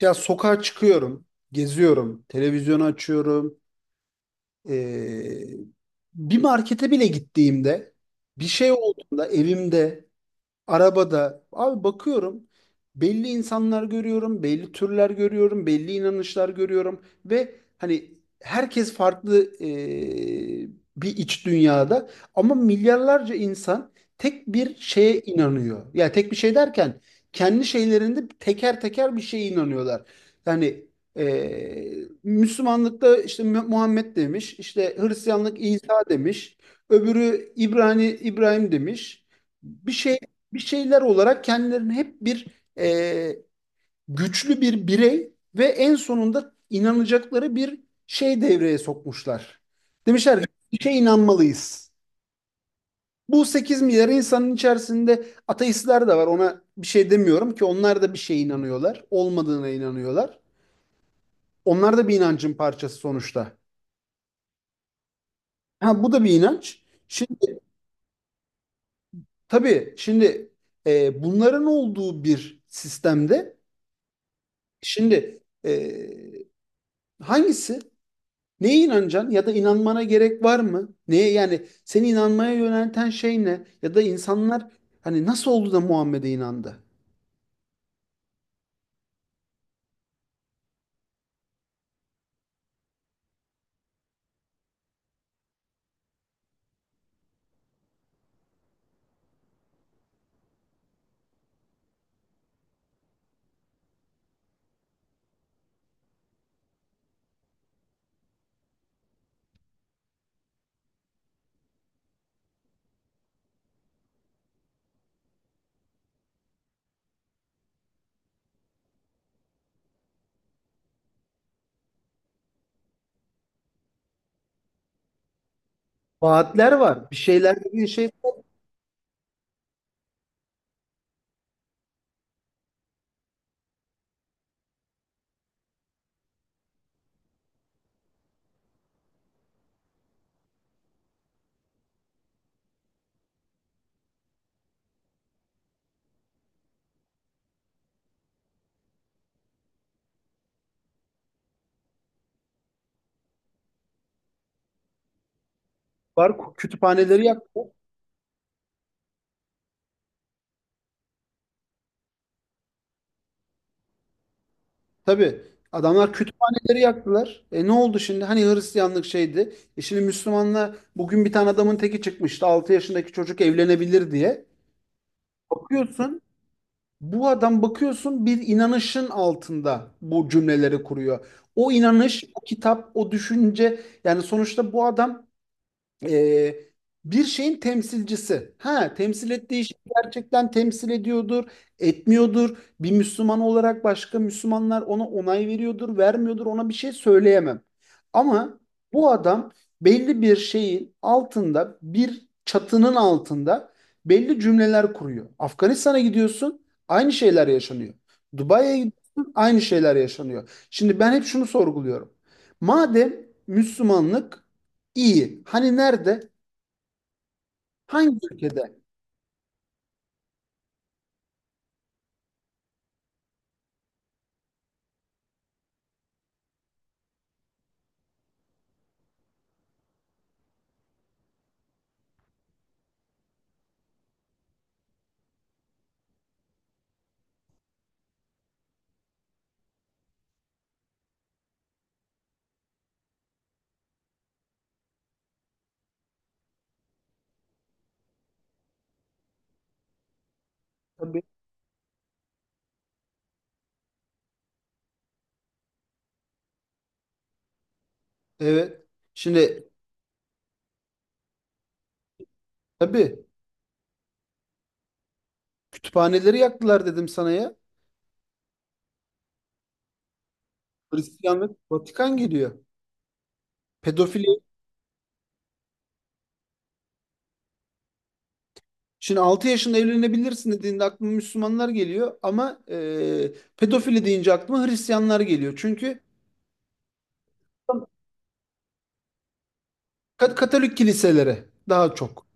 Ya sokağa çıkıyorum, geziyorum, televizyonu açıyorum. Ee, Bir markete bile gittiğimde, bir şey olduğunda evimde, arabada abi bakıyorum, belli insanlar görüyorum, belli türler görüyorum, belli inanışlar görüyorum ve hani herkes farklı, bir iç dünyada, ama milyarlarca insan tek bir şeye inanıyor. Yani tek bir şey derken kendi şeylerinde teker teker bir şeye inanıyorlar. Yani Müslümanlıkta işte Muhammed demiş, işte Hristiyanlık İsa demiş, öbürü İbrani İbrahim demiş, bir şey bir şeyler olarak kendilerini hep bir, e, güçlü bir birey ve en sonunda inanacakları bir şey devreye sokmuşlar. Demişler, bir şeye inanmalıyız. Bu 8 milyar insanın içerisinde ateistler de var. Ona bir şey demiyorum ki, onlar da bir şeye inanıyorlar. Olmadığına inanıyorlar. Onlar da bir inancın parçası sonuçta. Ha, bu da bir inanç. Şimdi, tabii, şimdi, bunların olduğu bir sistemde, şimdi, hangisi? Neye inanacaksın, ya da inanmana gerek var mı? Neye, yani seni inanmaya yönelten şey ne? Ya da insanlar hani nasıl oldu da Muhammed'e inandı? Vaatler var. Bir şeyler dediğin şey var. Kütüphaneleri yaktı. Tabii, adamlar kütüphaneleri yaktılar. E, ne oldu şimdi? Hani Hristiyanlık şeydi. E şimdi Müslümanla bugün bir tane adamın teki çıkmıştı. 6 yaşındaki çocuk evlenebilir diye. Bakıyorsun Bu adam bakıyorsun bir inanışın altında bu cümleleri kuruyor. O inanış, o kitap, o düşünce, yani sonuçta bu adam e, bir şeyin temsilcisi. Ha, temsil ettiği şey gerçekten temsil ediyordur, etmiyordur. Bir Müslüman olarak başka Müslümanlar ona onay veriyordur, vermiyordur. Ona bir şey söyleyemem. Ama bu adam belli bir şeyin altında, bir çatının altında belli cümleler kuruyor. Afganistan'a gidiyorsun, aynı şeyler yaşanıyor. Dubai'ye gidiyorsun, aynı şeyler yaşanıyor. Şimdi ben hep şunu sorguluyorum. Madem Müslümanlık. İyi. Hani nerede? Hangi ülkede? Tabii. Evet. Şimdi, tabii, kütüphaneleri yaktılar dedim sana ya. Hristiyanlık, Vatikan geliyor. Pedofili. Şimdi 6 yaşında evlenebilirsin dediğinde aklıma Müslümanlar geliyor, ama pedofili deyince aklıma Hristiyanlar geliyor. Çünkü Katolik kiliselere daha çok.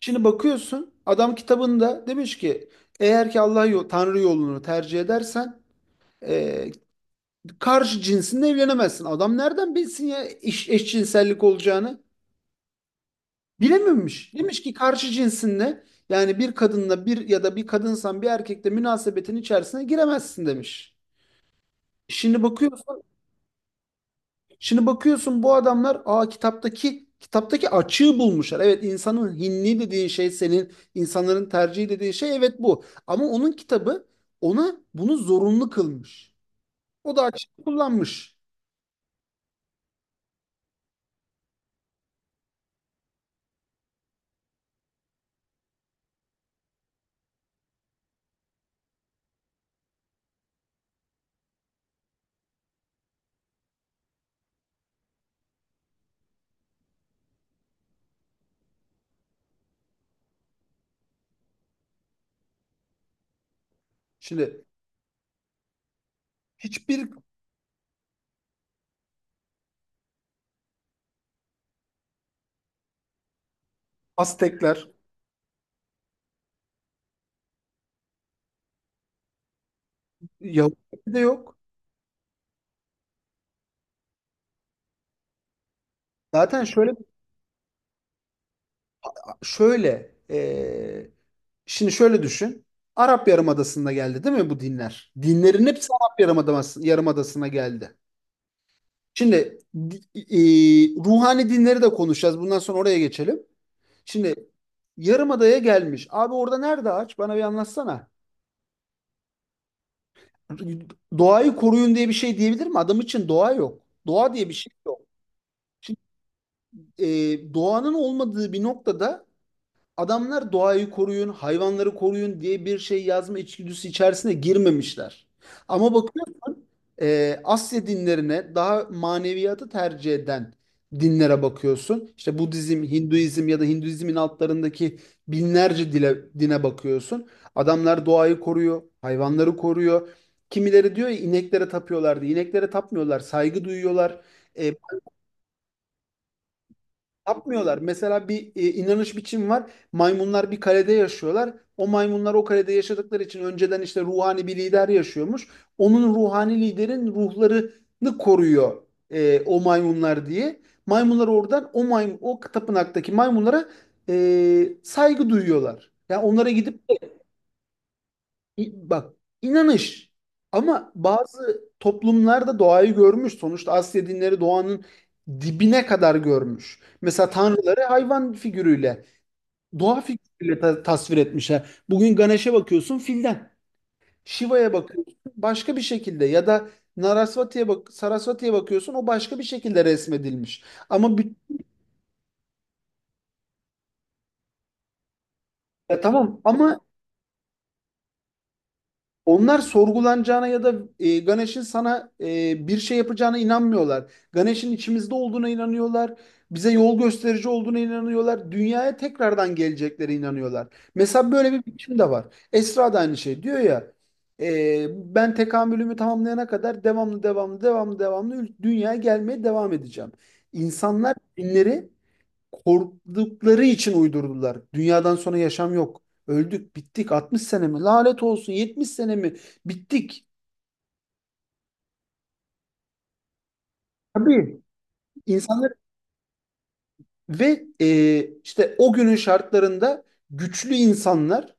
Şimdi bakıyorsun, adam kitabında demiş ki, eğer ki Allah yol, Tanrı yolunu tercih edersen, e, karşı cinsinle evlenemezsin. Adam nereden bilsin ya eşcinsellik olacağını? Bilememiş. Demiş ki karşı cinsinle, yani bir kadınla bir, ya da bir kadınsan bir erkekle münasebetin içerisine giremezsin demiş. Şimdi bakıyorsun, şimdi bakıyorsun bu adamlar, aa, kitaptaki açığı bulmuşlar. Evet, insanın hinni dediğin şey, senin insanların tercihi dediğin şey, evet, bu. Ama onun kitabı ona bunu zorunlu kılmış. O da açığı kullanmış. Şimdi hiçbir Aztekler, Yahudi de yok. Zaten şöyle, şimdi şöyle düşün. Arap Yarımadası'nda geldi değil mi bu dinler? Dinlerin hepsi Arap Yarımadası'na geldi. Şimdi ruhani dinleri de konuşacağız. Bundan sonra oraya geçelim. Şimdi Yarımada'ya gelmiş. Abi orada nerede ağaç? Bana bir anlatsana. Doğayı koruyun diye bir şey diyebilir mi? Adam için doğa yok. Doğa diye bir şey yok. Şimdi, doğanın olmadığı bir noktada adamlar doğayı koruyun, hayvanları koruyun diye bir şey yazma içgüdüsü içerisine girmemişler. Ama bakıyorsun Asya dinlerine, daha maneviyatı tercih eden dinlere bakıyorsun. İşte Budizm, Hinduizm, ya da Hinduizmin altlarındaki binlerce dile, dine bakıyorsun. Adamlar doğayı koruyor, hayvanları koruyor. Kimileri diyor ya, ineklere tapıyorlardı. İneklere tapmıyorlar, saygı duyuyorlar. E, yapmıyorlar. Mesela bir inanış biçim var. Maymunlar bir kalede yaşıyorlar. O maymunlar o kalede yaşadıkları için, önceden işte ruhani bir lider yaşıyormuş. Onun ruhani liderin ruhlarını koruyor o maymunlar diye. Maymunlar oradan, o maymun, o tapınaktaki maymunlara saygı duyuyorlar. Yani onlara gidip bak, inanış ama bazı toplumlarda doğayı görmüş. Sonuçta Asya dinleri doğanın dibine kadar görmüş. Mesela tanrıları hayvan figürüyle, doğa figürüyle tasvir etmişler. Bugün Ganesh'e bakıyorsun filden. Shiva'ya bakıyorsun başka bir şekilde, ya da Narasvati'ye bak, Sarasvati'ye bakıyorsun, o başka bir şekilde resmedilmiş. Ama bir, ya tamam ama onlar sorgulanacağına ya da Ganesh'in sana bir şey yapacağına inanmıyorlar. Ganesh'in içimizde olduğuna inanıyorlar. Bize yol gösterici olduğuna inanıyorlar. Dünyaya tekrardan geleceklere inanıyorlar. Mesela böyle bir biçim de var. Esra da aynı şey diyor ya. Ben tekamülümü tamamlayana kadar devamlı devamlı devamlı devamlı dünyaya gelmeye devam edeceğim. İnsanlar dinleri korktukları için uydurdular. Dünyadan sonra yaşam yok. Öldük, bittik. 60 sene mi? Lanet olsun. 70 sene mi? Bittik. Tabii. İnsanlar ve işte o günün şartlarında güçlü insanlar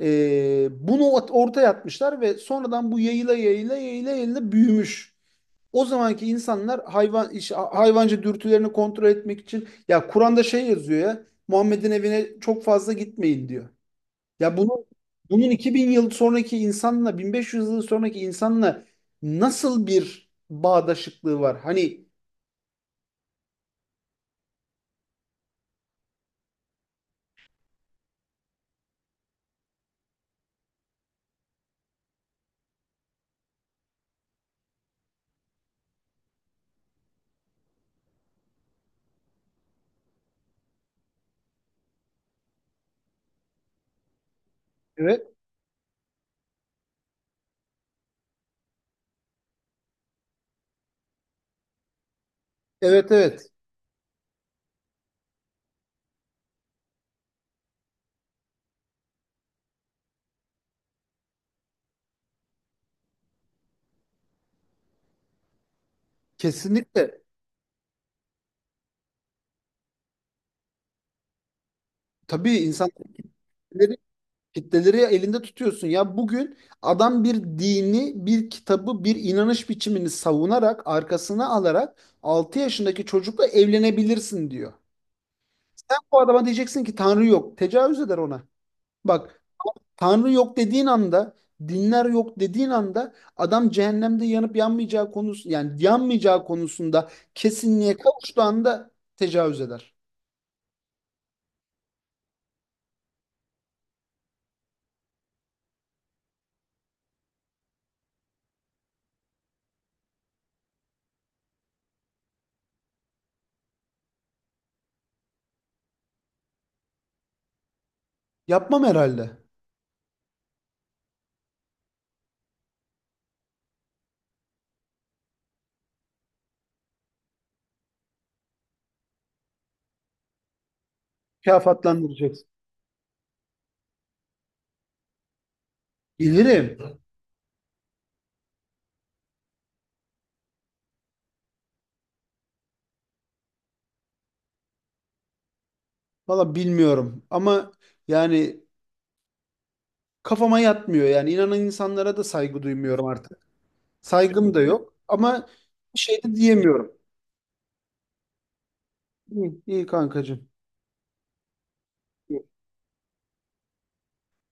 bunu ortaya atmışlar ve sonradan bu yayıla yayıla yayıla yayıla büyümüş. O zamanki insanlar hayvancı dürtülerini kontrol etmek için, ya Kur'an'da şey yazıyor, ya Muhammed'in evine çok fazla gitmeyin diyor. Ya bunun 2000 yıl sonraki insanla, 1500 yıl sonraki insanla nasıl bir bağdaşıklığı var? Hani, evet, evet, evet, kesinlikle. Tabii, insan kitleleri, kitleleri elinde tutuyorsun. Ya bugün adam bir dini, bir kitabı, bir inanış biçimini savunarak, arkasına alarak 6 yaşındaki çocukla evlenebilirsin diyor. Sen bu adama diyeceksin ki Tanrı yok. Tecavüz eder ona. Bak, Tanrı yok dediğin anda, dinler yok dediğin anda, adam cehennemde yanıp yanmayacağı konusu, yani yanmayacağı konusunda kesinliğe kavuştuğu anda tecavüz eder. Yapmam herhalde. Mükafatlandıracaksın. Bilirim. Valla bilmiyorum ama, yani kafama yatmıyor. Yani inanan insanlara da saygı duymuyorum artık. Saygım da yok ama bir şey de diyemiyorum. İyi, iyi kankacığım.